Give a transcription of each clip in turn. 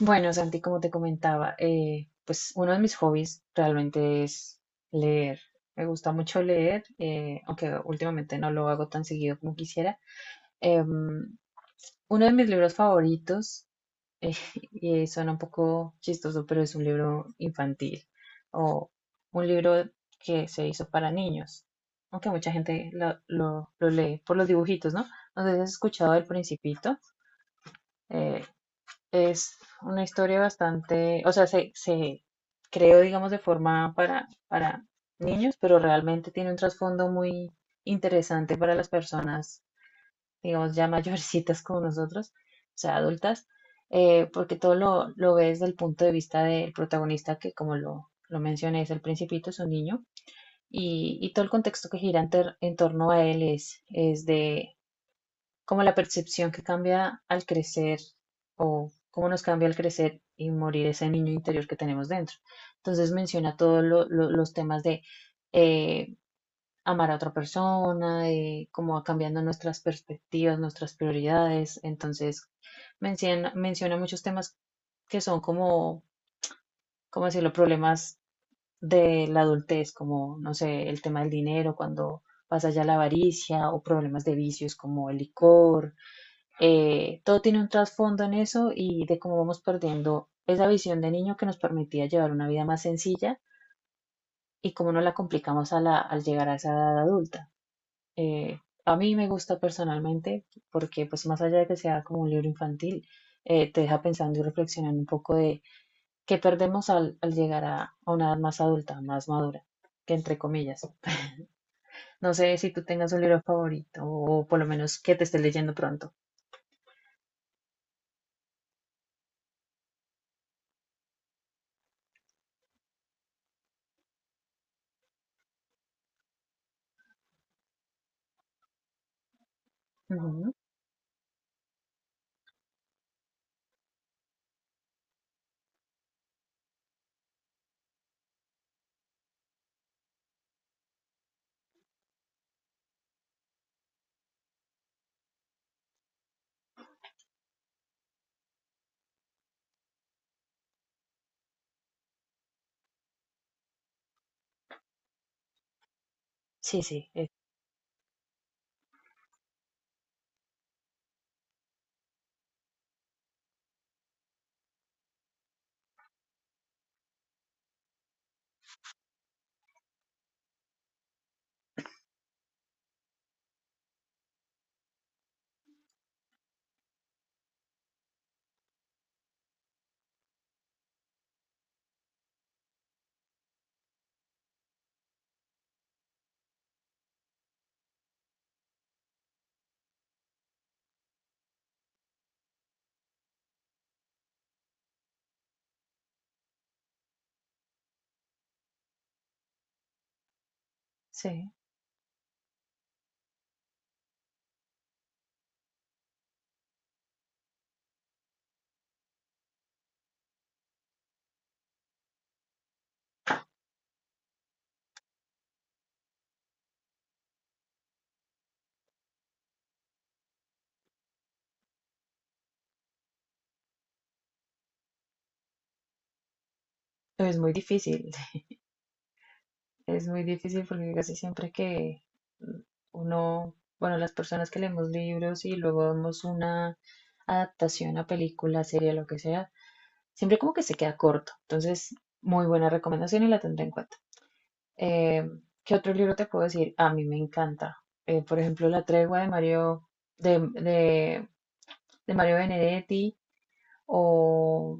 Bueno, Santi, como te comentaba, pues uno de mis hobbies realmente es leer. Me gusta mucho leer, aunque últimamente no lo hago tan seguido como quisiera. Em, Uno de mis libros favoritos, eh, y suena un poco chistoso, pero es un libro infantil o un libro que se hizo para niños, aunque mucha gente lo lee por los dibujitos, ¿no? No sé si has escuchado El Principito. eh, es una historia bastante, o sea, se creó, digamos, de forma para niños, pero realmente tiene un trasfondo muy interesante para las personas, digamos, ya mayorcitas como nosotros, o sea, adultas, porque todo lo ves desde el punto de vista del protagonista, que como lo mencioné, es el principito, es un niño, y todo el contexto que gira en torno a él es de, como la percepción que cambia al crecer o cómo nos cambia al crecer y morir ese niño interior que tenemos dentro. Entonces menciona todos los temas de eh, amar a otra persona, de cómo va cambiando nuestras perspectivas, nuestras prioridades. Entonces menciona muchos temas que son como, ¿cómo decirlo?, problemas de la adultez, como, no sé, el tema del dinero, cuando pasa ya la avaricia o problemas de vicios como el licor, todo tiene un trasfondo en eso y de cómo vamos perdiendo esa visión de niño que nos permitía llevar una vida más sencilla y cómo nos la complicamos a al llegar a esa edad adulta. A mí me gusta personalmente porque pues más allá de que sea como un libro infantil, te deja pensando y reflexionando un poco de qué perdemos al llegar a una edad más adulta, más madura, que entre comillas. No sé si tú tengas un libro favorito o por lo menos que te estés leyendo pronto. Ujú. Sí, sí, sí. Es muy difícil, es muy difícil porque casi siempre que uno, bueno, las personas que leemos libros y luego vemos una adaptación a película, serie, lo que sea, siempre como que se queda corto. Entonces, muy buena recomendación y la tendré en cuenta. Eh, ¿Qué otro libro te puedo decir? A mí me encanta. Por ejemplo, La tregua de Mario, de, de, de Mario Benedetti, o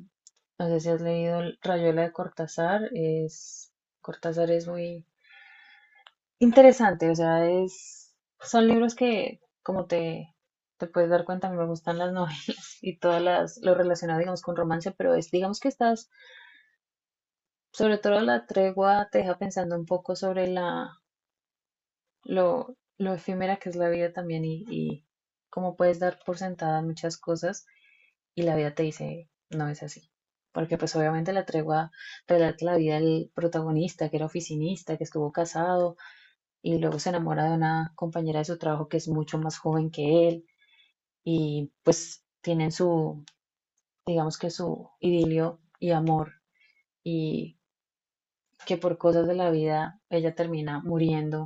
no sé si has leído El Rayuela de Cortázar. Es, Cortázar es muy interesante, o sea, es, son libros que, como te puedes dar cuenta, a mí me gustan las novelas y todas las, lo relacionado, digamos, con romance, pero es, digamos que estás, sobre todo la tregua te deja pensando un poco sobre la, lo efímera que es la vida también y cómo puedes dar por sentada muchas cosas y la vida te dice, no es así. Porque pues obviamente la tregua relata la vida del protagonista, que era oficinista, que estuvo casado, y luego se enamora de una compañera de su trabajo que es mucho más joven que él y pues tienen su, digamos que su idilio y amor y que por cosas de la vida ella termina muriendo,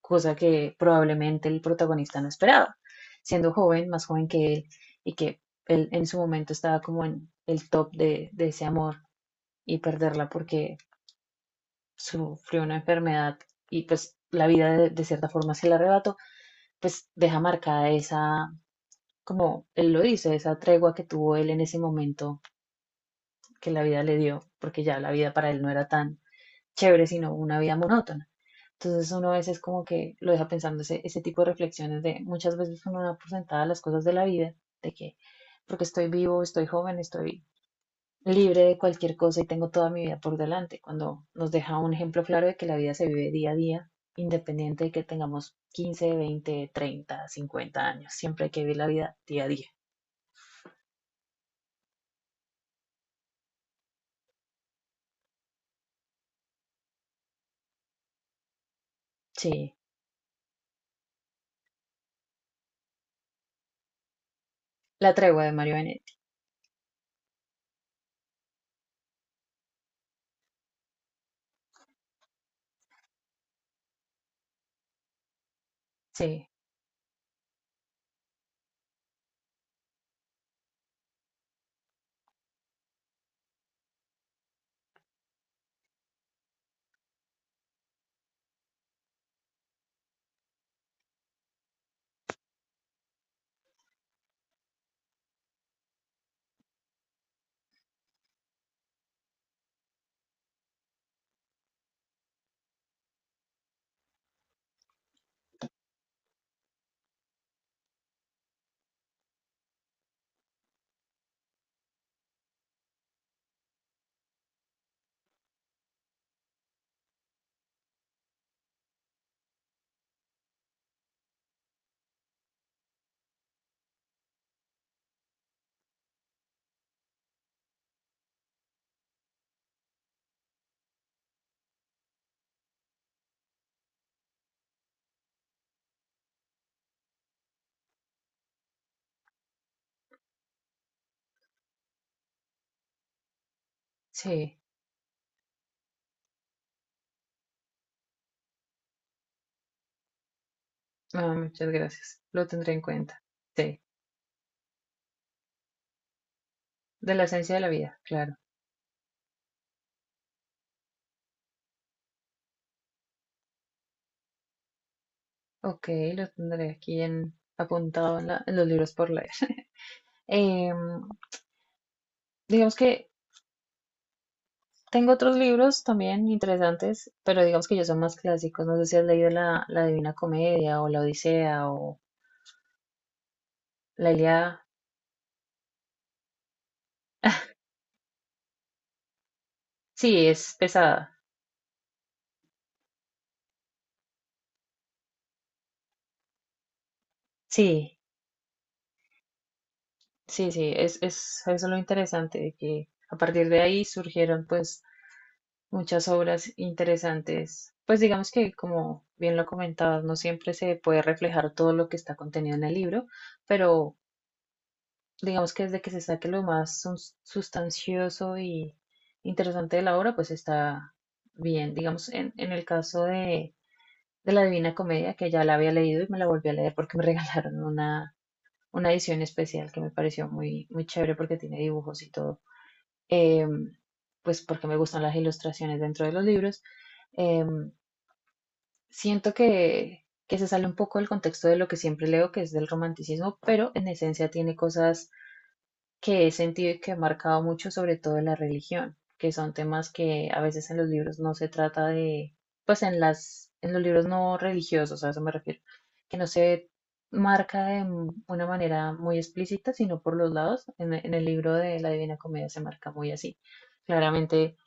cosa que probablemente el protagonista no esperaba, siendo joven, más joven que él, y que él en su momento estaba como en el top de ese amor y perderla porque sufrió una enfermedad y pues la vida de cierta forma se la arrebató, pues deja marcada esa, como él lo dice, esa tregua que tuvo él en ese momento que la vida le dio, porque ya la vida para él no era tan chévere, sino una vida monótona. Entonces uno a veces como que lo deja pensando ese, ese tipo de reflexiones de muchas veces uno da por sentada las cosas de la vida, de que porque estoy vivo, estoy joven, estoy libre de cualquier cosa y tengo toda mi vida por delante, cuando nos deja un ejemplo claro de que la vida se vive día a día, independiente de que tengamos 15, 20, 30, 50 años, siempre hay que vivir la vida día a día. Sí, La tregua de Mario Benetti. Sí, sí. Ah, muchas gracias. Lo tendré en cuenta. Sí. De la esencia de la vida, claro. Ok, lo tendré aquí en, apuntado en, en los libros por leer. Em, digamos que tengo otros libros también interesantes, pero digamos que ellos son más clásicos. No sé si has leído la, la Divina Comedia o la Odisea o la Ilíada. Sí, es pesada. Sí, sí, sí, es eso es lo interesante de que a partir de ahí surgieron pues muchas obras interesantes. Pues digamos que, como bien lo comentabas, no siempre se puede reflejar todo lo que está contenido en el libro, pero digamos que desde que se saque lo más sustancioso y interesante de la obra, pues está bien. Digamos, en el caso de la Divina Comedia, que ya la había leído y me la volví a leer porque me regalaron una edición especial que me pareció muy, muy chévere porque tiene dibujos y todo. Em, pues porque me gustan las ilustraciones dentro de los libros. Em, Siento que se sale un poco del contexto de lo que siempre leo, que es del romanticismo, pero en esencia tiene cosas que he sentido y que he marcado mucho, sobre todo en la religión, que son temas que a veces en los libros no se trata de, pues en las, en los libros no religiosos, a eso me refiero, que no se marca de una manera muy explícita, sino por los lados. En el libro de la Divina Comedia se marca muy así. Claramente,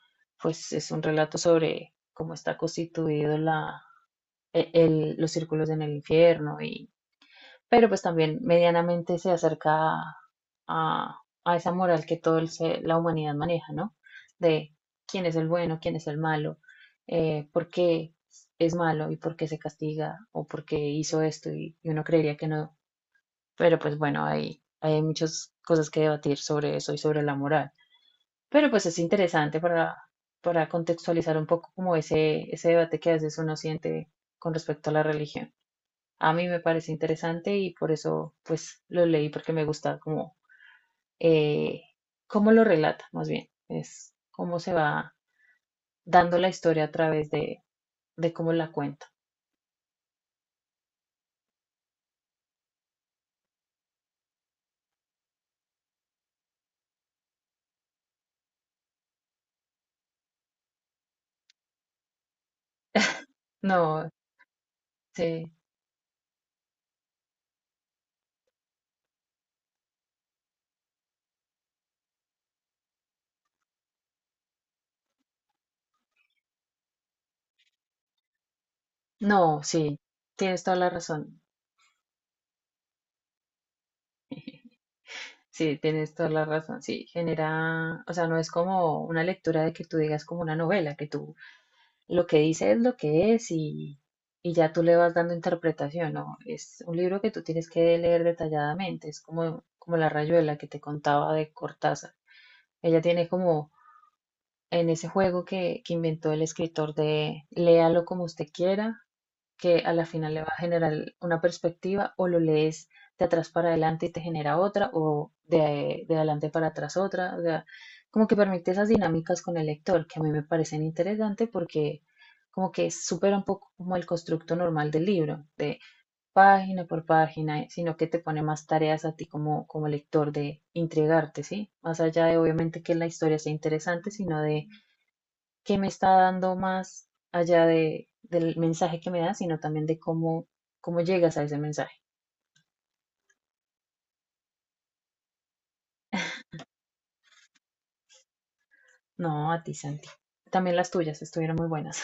pues es un relato sobre cómo está constituido la, los círculos en el infierno, y, pero pues también medianamente se acerca a, a- a esa moral que toda la humanidad maneja, ¿no? De quién es el bueno, quién es el malo, por qué es malo y por qué se castiga o por qué hizo esto y uno creería que no, pero pues bueno, hay muchas cosas que debatir sobre eso y sobre la moral, pero pues es interesante para contextualizar un poco como ese debate que a veces uno siente con respecto a la religión. A mí me parece interesante y por eso pues lo leí porque me gusta como eh, cómo lo relata más bien, es cómo se va dando la historia a través de cómo la cuenta. No, sí, no, sí, tienes toda la razón. Sí, tienes toda la razón. Sí, genera, o sea, no es como una lectura de que tú digas como una novela, que tú lo que dice es lo que es y ya tú le vas dando interpretación, ¿no? Es un libro que tú tienes que leer detalladamente, es como, como La Rayuela que te contaba de Cortázar. Ella tiene como en ese juego que inventó el escritor de léalo como usted quiera, que a la final le va a generar una perspectiva o lo lees de atrás para adelante y te genera otra o de adelante para atrás otra. O sea, como que permite esas dinámicas con el lector que a mí me parecen interesantes porque como que supera un poco como el constructo normal del libro, de página por página, sino que te pone más tareas a ti como, como lector de intrigarte, ¿sí? Más allá de obviamente que la historia sea interesante, sino de que me está dando más allá de, del mensaje que me da, sino también de cómo, cómo llegas a ese mensaje. No, a ti, Santi. También las tuyas estuvieron muy buenas.